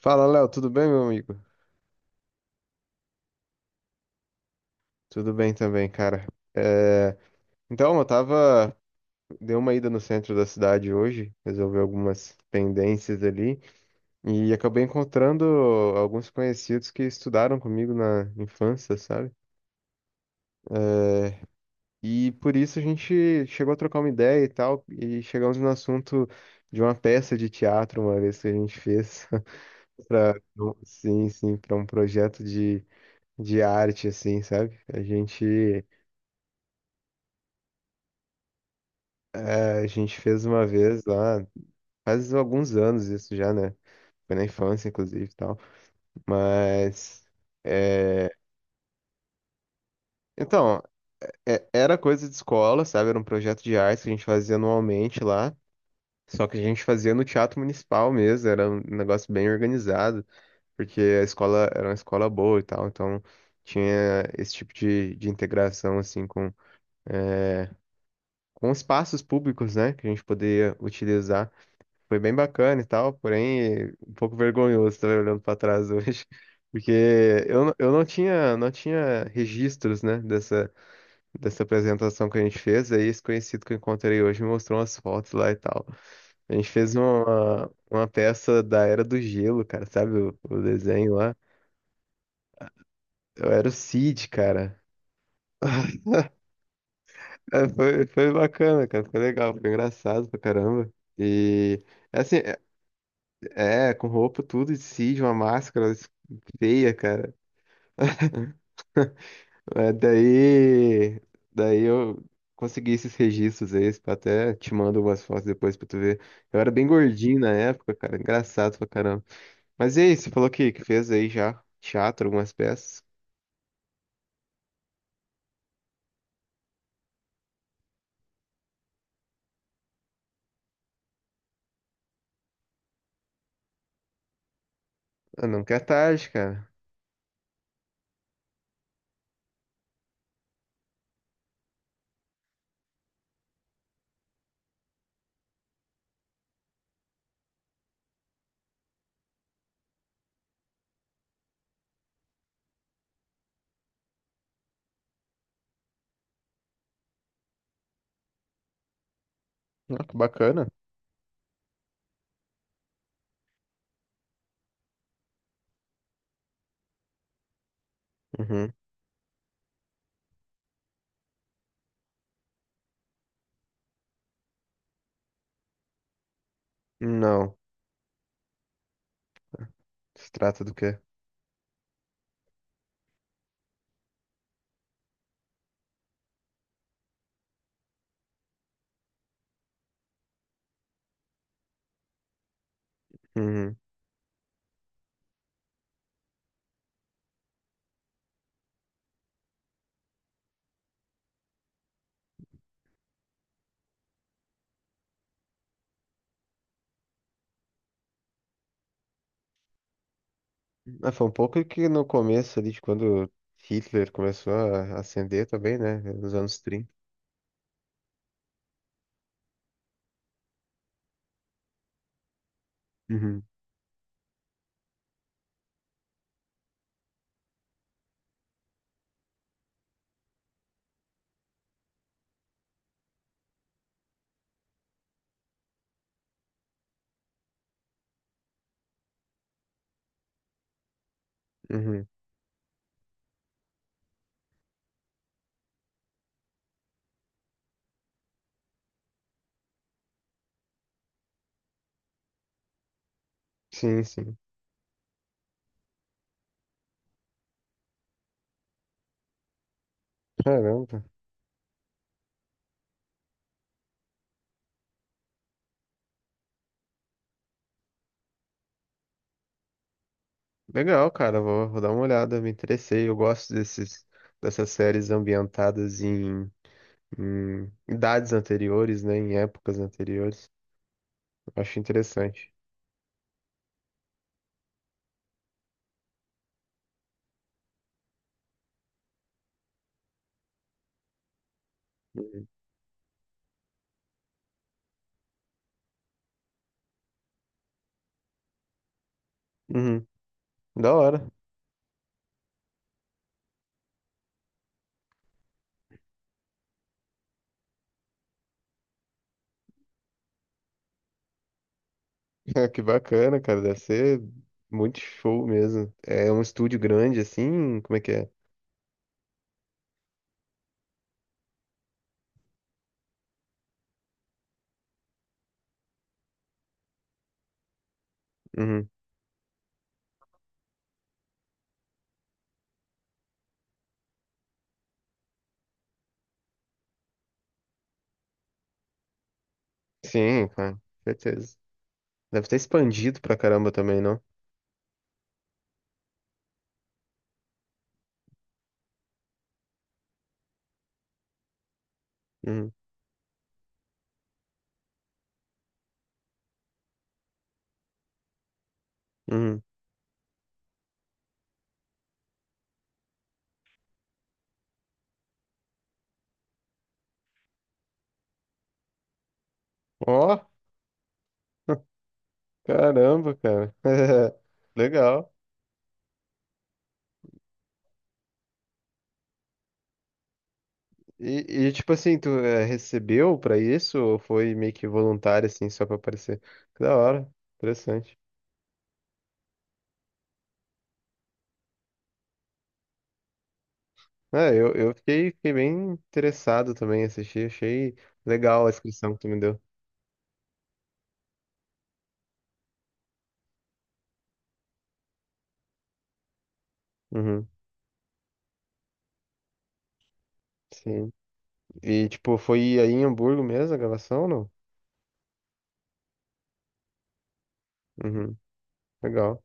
Fala, Léo, tudo bem, meu amigo? Tudo bem também, cara. É, eu tava. Dei uma ida no centro da cidade hoje, resolvi algumas pendências ali, e acabei encontrando alguns conhecidos que estudaram comigo na infância, sabe? É, E por isso a gente chegou a trocar uma ideia e tal, e chegamos no assunto de uma peça de teatro uma vez que a gente fez para sim, sim, para um projeto de arte assim, sabe? A gente a gente fez uma vez lá, faz alguns anos isso já, né? Foi na infância, inclusive, e tal. Mas, é, então, era coisa de escola, sabe? Era um projeto de arte que a gente fazia anualmente lá. Só que a gente fazia no teatro municipal mesmo, era um negócio bem organizado, porque a escola era uma escola boa e tal, então tinha esse tipo de integração, assim, com espaços públicos, né? Que a gente poderia utilizar. Foi bem bacana e tal, porém um pouco vergonhoso também olhando para trás hoje, porque eu não tinha registros, né, dessa apresentação que a gente fez, aí esse conhecido que eu encontrei hoje me mostrou umas fotos lá e tal. A gente fez uma peça da Era do Gelo, cara, sabe o desenho lá? Eu era o Cid, cara. É, foi bacana, cara, foi legal, foi engraçado pra caramba. E é assim, é, com roupa tudo de Cid, uma máscara feia, cara. É, daí, daí eu consegui esses registros aí, pra até te mando umas fotos depois pra tu ver. Eu era bem gordinho na época, cara, engraçado pra caramba. Mas e aí, você falou que fez aí já teatro, algumas peças? Ah, não quer tarde, cara. Ah, que bacana. Uhum. Não, se trata do quê? Uhum. Ah, foi um pouco que no começo ali, de quando Hitler começou a ascender também, né, nos anos 30. Uhum. Uhum. Sim, sim. Caramba. Legal, cara, vou dar uma olhada, me interessei. Eu gosto dessas séries ambientadas em idades anteriores, né? Em épocas anteriores. Eu acho interessante. Uhum. Uhum. Da hora. Que bacana, cara. Deve ser muito show mesmo. É um estúdio grande, assim? Como é que é? Uhum. Sim, cara, certeza. Deve ter expandido pra caramba também, não? Uhum. Uhum. Ó, caramba, cara. Legal. Tipo assim, tu recebeu pra isso ou foi meio que voluntário, assim, só pra aparecer? Que da hora, interessante. É, fiquei bem interessado também em assistir, achei legal a inscrição que tu me deu. Uhum, sim. E, tipo, foi aí em Hamburgo mesmo a gravação ou não? Uhum, legal.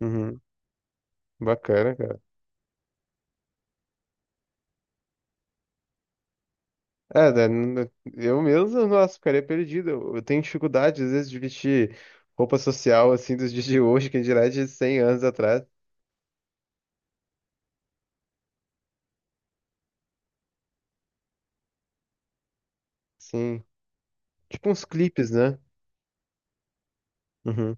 Uhum, bacana, cara. É, né, n- eu mesmo, nossa, ficaria perdido. Eu tenho dificuldade, às vezes, de vestir roupa social, assim, dos dias de hoje, que dirá de 100 anos atrás. Sim. Tipo uns clipes, né? Uhum,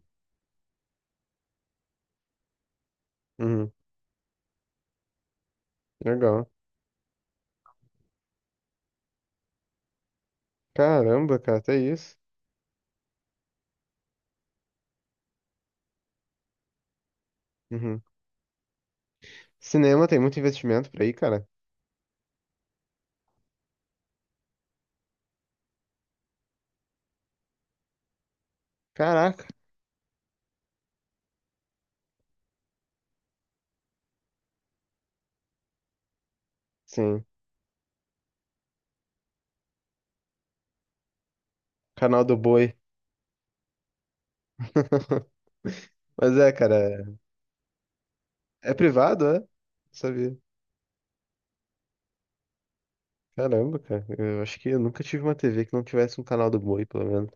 uhum. Legal. Caramba, cara, até isso. Uhum. Cinema tem muito investimento por aí, cara. Caraca. Sim. Canal do Boi. Mas é, cara, é é privado, é? Não sabia. Caramba, cara. Eu acho que eu nunca tive uma TV que não tivesse um canal do Boi, pelo menos.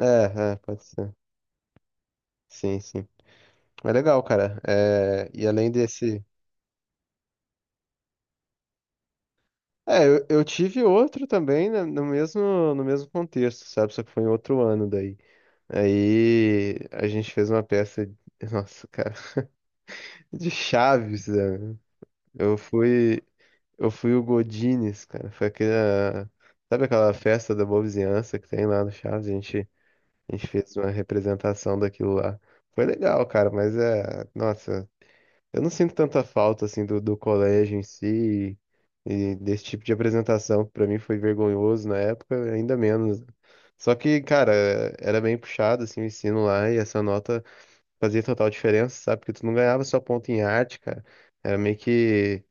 É, é, pode ser. Sim, sim. É legal, cara. É, e além desse. É, eu tive outro também, né, no mesmo contexto, sabe? Só que foi em outro ano daí. Aí a gente fez uma peça, de- nossa, cara, de Chaves, né? Eu fui, eu fui o Godines, cara. Foi aquela, sabe aquela festa da boa vizinhança que tem lá no Chaves? A gente fez uma representação daquilo lá. Foi legal, cara, mas é, nossa, eu não sinto tanta falta assim do colégio em si e desse tipo de apresentação, que pra mim foi vergonhoso na época, ainda menos, né? Só que, cara, era bem puxado assim o ensino lá e essa nota fazia total diferença, sabe? Porque tu não ganhava só ponto em arte, cara. Era meio que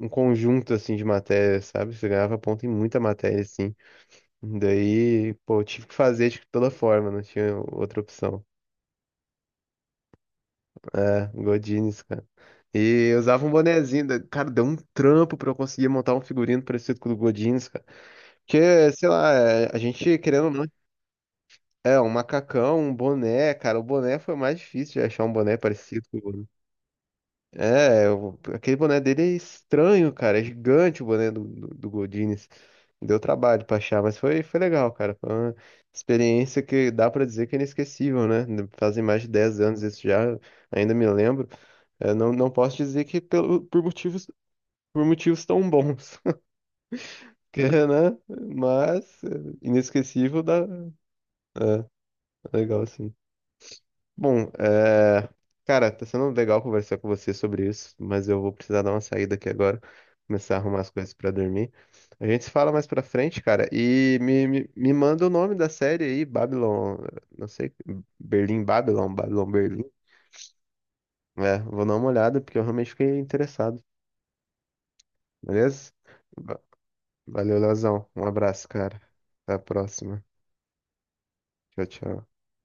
um conjunto, assim, de matérias, sabe? Você ganhava ponto em muita matéria, assim. Daí, pô, eu tive que fazer de toda forma, não tinha outra opção. É, Godinez, cara. E eu usava um bonezinho, da- cara, deu um trampo pra eu conseguir montar um figurino parecido com o do Godinez, cara. Porque, sei lá, é, a gente, querendo ou não, é, um macacão, um boné, cara, o boné foi mais difícil de achar um boné parecido com o. É, o- aquele boné dele é estranho, cara. É gigante o boné do Godinez. Deu trabalho pra achar, mas foi legal, cara. Foi uma experiência que dá pra dizer que é inesquecível, né? Fazem mais de 10 anos isso já, ainda me lembro. Eu não, não posso dizer que pelo, por motivos tão bons, que, né? Mas é, inesquecível dá. É, legal, sim. Bom, é... cara, tá sendo legal conversar com você sobre isso, mas eu vou precisar dar uma saída aqui agora, começar a arrumar as coisas pra dormir. A gente se fala mais pra frente, cara, e me manda o nome da série aí, Babylon, não sei, Berlim Babylon, Babylon Berlim. É, vou dar uma olhada porque eu realmente fiquei interessado, beleza? Va- Valeu, Leozão. Um abraço, cara. Até a próxima. Tchau, tchau.